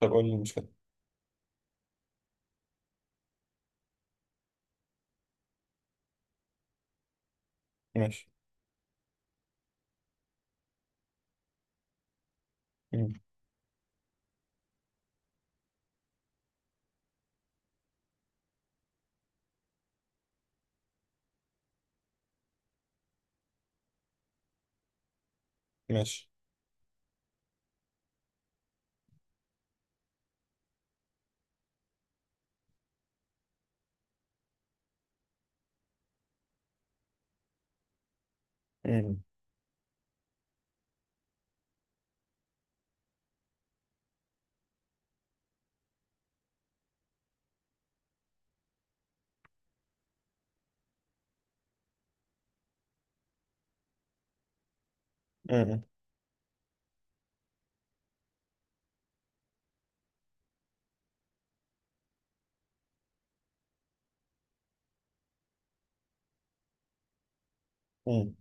طب قول لي المشكلة. ماشي. مم. ماشي. مم. مم. مم.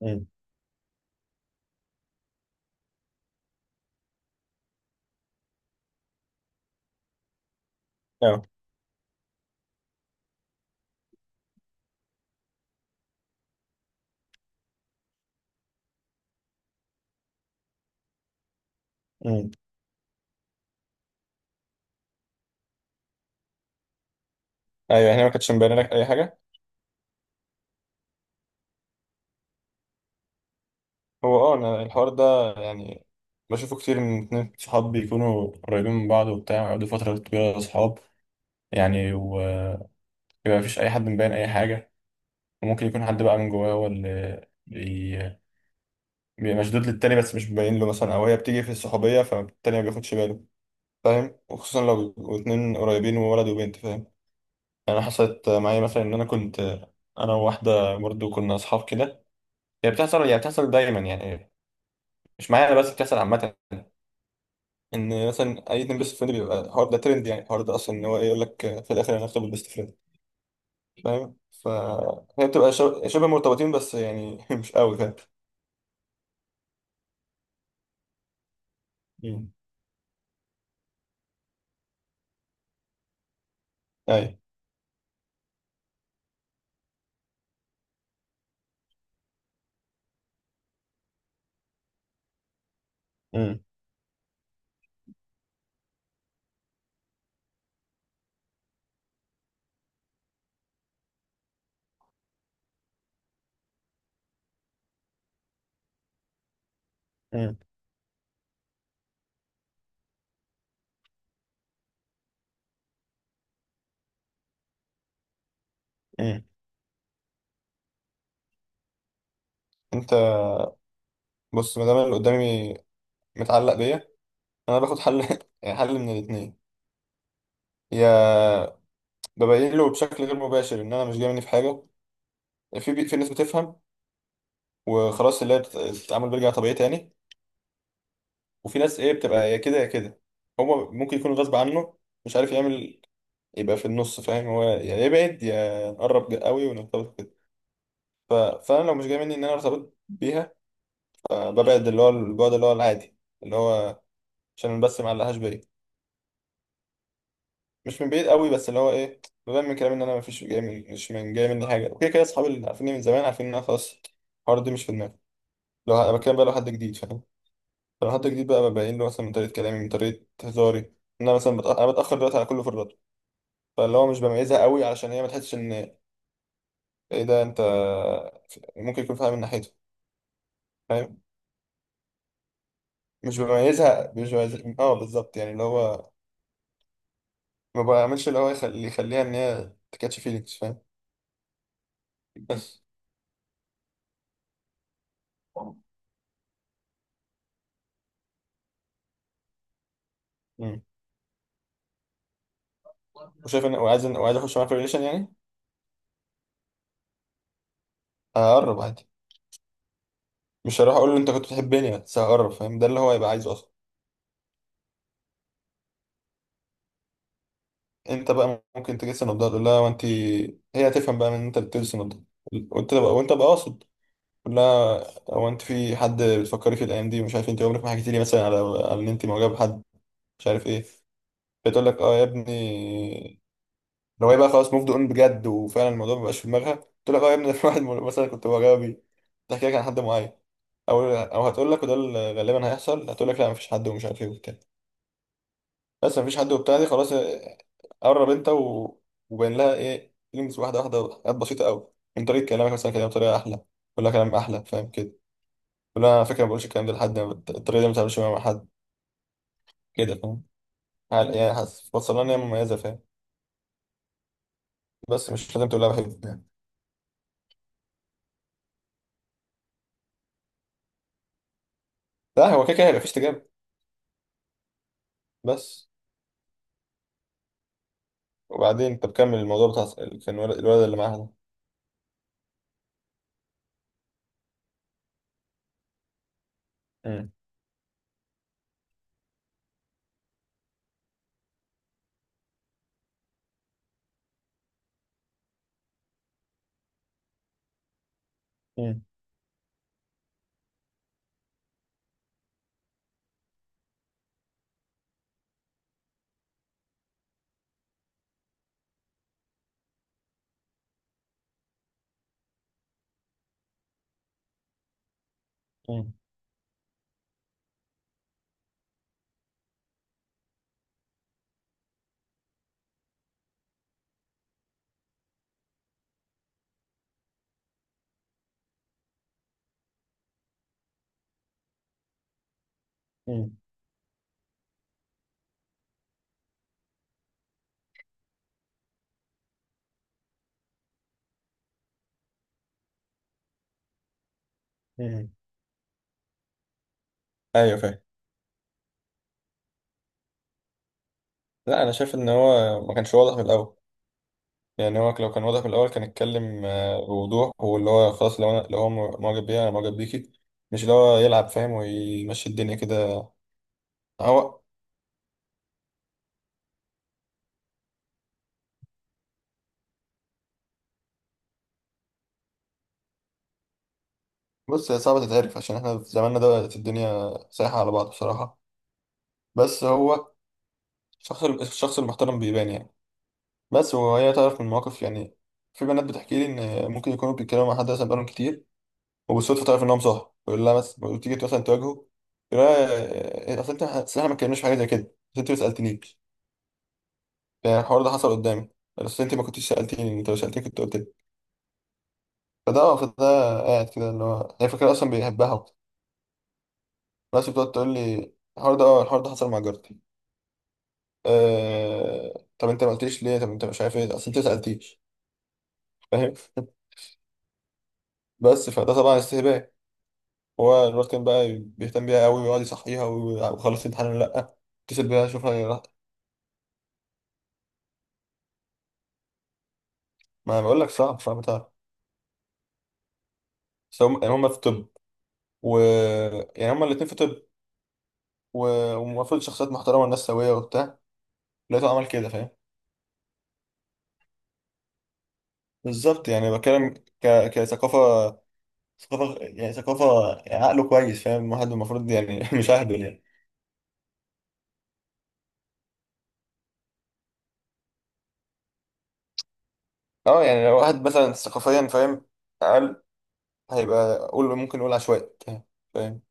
مم. أيوه. مم. أيوه، يعني أنا ما كانتش مبينة لك أي حاجة. هو أنا الحوار ده يعني بشوفه كتير من اتنين صحاب بيكونوا قريبين من بعض وبتاع، ويقعدوا فترة طويلة صحاب، يعني، ويبقى مفيش أي حد مبين أي حاجة. وممكن يكون حد بقى من جواه هو اللي بيبقى مشدود للتاني، بس مش مبين له مثلا، أو هي بتيجي في الصحوبية فالتاني ما بياخدش باله. فاهم؟ وخصوصا لو بيبقوا اتنين قريبين، وولد وبنت. فاهم؟ يعني حصلت معايا مثلا، ان انا كنت انا وواحده برضو كنا اصحاب كده. هي بتحصل، هي بتحصل دايما يعني. مش معايا انا بس، بتحصل عامه. ان مثلا اي اتنين بيست فريند بيبقى الحوار ده ترند، يعني الحوار ده اصلا ان هو ايه، يقول لك في الاخر انا هخطب البيست فريند. فاهم؟ فهي بتبقى شبه مرتبطين، بس يعني مش قوي. فاهم؟ مم. اي. مم. مم. مم. انت بص، ما دام اللي قدامي متعلق بيا، انا باخد حل حل من الاثنين: يا ببين له بشكل غير مباشر ان انا مش جاي مني في حاجه. في في ناس بتفهم، وخلاص اللي هي التعامل بيرجع طبيعي تاني. وفي ناس ايه، بتبقى يا كده يا كده. هو ممكن يكون غصب عنه، مش عارف يعمل، يبقى في النص. فاهم؟ هو يا يبعد يا نقرب قوي ونرتبط كده. فانا لو مش جاي مني ان انا ارتبط بيها، فببعد اللي هو البعد اللي هو العادي، اللي هو عشان بس ما علقهاش بيا. مش من بعيد قوي، بس اللي هو ايه، ببان من كلامي ان انا مفيش جاي من، مش من جاي مني حاجه. وكده كده اصحابي اللي عارفيني من زمان عارفين ان انا خلاص، الحوار ده مش في دماغي. لو بتكلم بقى لو حد جديد. فاهم؟ لو حد جديد بقى ببين له مثلا من طريقة كلامي، من طريقة هزاري، إن أنا مثلا أنا بتأخر دلوقتي على كل فرداته. فاللي هو مش بميزها قوي، علشان هي ما تحسش إن إيه ده، أنت ممكن يكون فاهم من ناحيته. فاهم؟ مش بميزها أه بالظبط، يعني اللي هو ما بعملش اللي هو اللي يخليها إن هي تكاتش فيلينجز. فاهم؟ بس. مم. وشايف إن وعايز أخش معاه في ريليشن يعني. هقرب عادي. مش هروح أقول له أنت كنت بتحبني، بس هقرب. فاهم؟ ده اللي هو يبقى عايزه أصلا. انت بقى ممكن تجس النبضة تقول لها، وانت هي هتفهم بقى من ان انت بتجس النبضة. وانت بقى قاصد تقول لها: هو انت في حد بتفكري في الايام دي؟ مش عارف، انت عمرك ما حكيتي لي مثلا على على ان انت معجبه بحد، مش عارف ايه. بتقول لك: اه يا ابني. لو هي بقى خلاص موفد اون بجد وفعلا الموضوع ما بقاش في دماغها، تقول لك: اه يا ابني ده واحد مثلا كنت معجبه بيه. تحكي لك عن حد معين، او او هتقول لك، وده اللي غالبا هيحصل، هتقول لك: لا مفيش حد ومش عارف ايه وبتاع. بس مفيش حد وبتاع دي خلاص. قرب انت وبين لها ايه فيلينجز، واحده واحده، حاجات بسيطه قوي. من طريقه كلامك مثلا كده بطريقه احلى، كل كلام احلى. فاهم كده؟ كل، انا على فكره ما بقولش الكلام ده لحد، أنا الطريقه دي ما بتعملش مع حد كده. فاهم؟ يعني حاسس وصلنا ان هي مميزه. فاهم؟ بس مش لازم تقول لها بحبك يعني. لا هو كده كده هيبقى في استجابه. بس، وبعدين انت بكمل الموضوع بتاع كان الولد الولد اللي معاها ده. مم. مم. مم. مم. مم. ايوه فاهم. لا انا شايف ان هو ما كانش واضح من الاول. يعني هو لو كان واضح من الأول كان اتكلم بوضوح، واللي هو خلاص لو أنا لو هو معجب بيها أنا معجب بيكي. مش اللي هو يلعب فاهم ويمشي الدنيا كده. هو بص، هي صعبة تتعرف عشان احنا في زماننا ده الدنيا سايحة على بعض بصراحة. بس هو الشخص الشخص المحترم بيبان يعني. بس وهي تعرف من مواقف يعني. في بنات بتحكي لي إن ممكن يكونوا بيتكلموا مع حد مثلا بقالهم كتير، وبالصدفة تعرف إنهم صح، يقول لها مثلا، تيجي مثلا تواجهه، يقول لها: أصل أنت أصل إحنا ما اتكلمناش في حاجة زي كده، بس أنت ما سألتنيش. يعني الحوار ده حصل قدامي: بس انت ما كنتش سالتيني، انت لو سالتني كنت قلت لي. فده قاعد كده اللي هو هي فكره اصلا بيحبها وبتاع. بس بتقعد تقول لي: الحوار ده، اه الحوار ده حصل مع جارتي. طب انت ما قلتليش ليه؟ طب انت مش عارف ايه، اصل انت ما سالتيش. فاهم؟ بس فده طبعا استهبال. هو الواد كان بقى بيهتم بيها قوي ويقعد يصحيها وخلص الامتحان ولا لا، اتصل بيها، شوفها هي راحت. ما بقول لك صعب صعب تعرف. بس هم يعني هم في طب، و يعني هم الاثنين في طب، ومفروض شخصيات محترمه والناس سويه وبتاع. لقيته عمل كده. فاهم؟ بالظبط. يعني بتكلم كثقافة يعني ثقافة، عقله كويس فاهم واحد، المفروض يعني مش أهبل يعني. اه، يعني لو واحد مثلا ثقافيا فاهم أقل، هيبقى قول ممكن نقول عشوائي. فاهم؟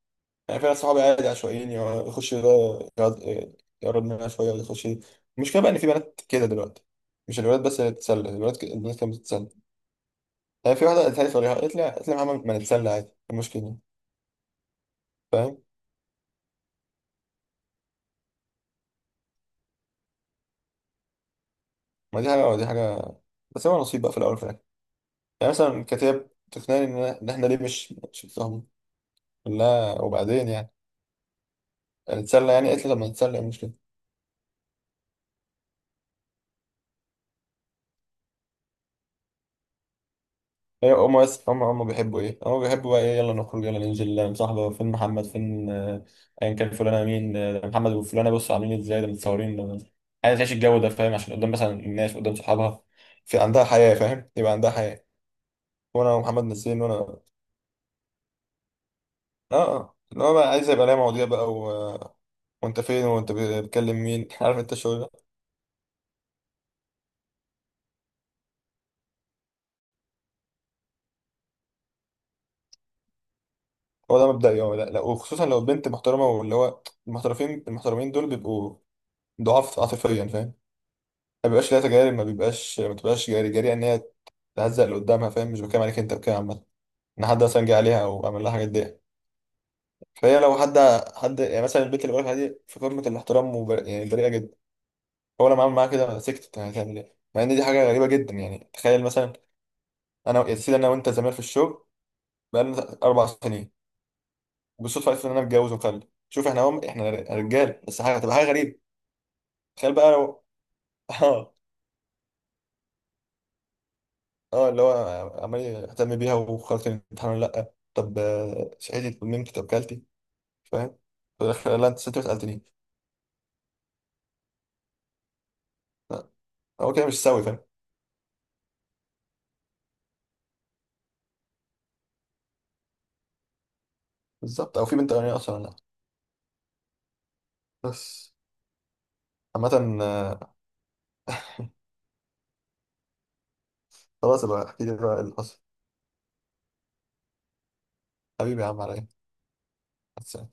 يعني في ناس صحابي عادي عشوائيين، يخش ده، يقعد- يقرب منها شوية ولا يخش دي. المشكلة بقى إن في بنات كده دلوقتي، مش الولاد بس اللي بتتسلى الولاد، البنات كانت بتتسلى. يعني في واحدة قالت لي صريحة، قالت لي: يا محمد ما نتسلى عادي، إيه المشكلة؟ فاهم؟ ما دي حاجة ودي حاجة، بس هو نصيب بقى في الأول وفي الآخر. يعني مثلا كتاب تقنعني إن إن إحنا ليه مش بنفهم. لا وبعدين يعني نتسلى يعني. قالت لي: طب ما نتسلى إيه المشكلة. هي هما بس هما بيحبوا إيه، هما بيحبوا بقى إيه، يلا نخرج يلا ننزل يلا نصاحبه فين محمد فين أيا كان، فلانة مين، ده محمد وفلانة، بصوا عاملين إيه، إزاي ده متصورين عايز تعيش الجو ده. فاهم؟ عشان قدام مثلا، الناس قدام صحابها، في عندها حياة، فاهم يبقى عندها حياة. وأنا ومحمد نسيين، وأنا آه. آه، اللي هو بقى عايز يبقى ليا مواضيع بقى، وأنت فين وأنت بتكلم مين عارف أنت الشغل ده. هو ده مبدئي، هو لا, لا وخصوصا لو البنت محترمه، واللي هو المحترفين المحترمين دول بيبقوا ضعاف عاطفيا. فاهم؟ ما بيبقاش لها تجارب، ما بيبقاش ما تبقاش جاري جاري ان هي تهزق اللي قدامها. فاهم؟ مش بتكلم عليك، انت بتكلم عامه، ان حد مثلا جه عليها او عمل لها حاجات دي. فهي لو حد يعني، مثلا البنت اللي بقولها دي في قمه الاحترام يعني بريئه جدا. هو لما عمل معاها كده أنا سكتت، هتعمل ايه مع ان دي حاجه غريبه جدا. يعني تخيل مثلا، انا يا سيدي انا وانت زمان في الشغل بقالنا 4 سنين، وبالصدفه عرفت ان انا متجوز ومخلف. شوف احنا هم احنا رجال بس، حاجه هتبقى حاجه غريبه. تخيل بقى لو اه. اه اللي هو عمال يهتم بيها وخلاص، كان الامتحان ولا لا، طب صحيتي، طب نمت، طب كلتي. فاهم؟ في الآخر، لا انت ست ما سالتنيش. لا، هو كده مش سوي. فاهم؟ بالظبط، او في بنت اغنيه اصلا ولا لا. بس. عامة خلاص بقى احكي لي بقى اللي حصل. حبيبي يا عم، عليا.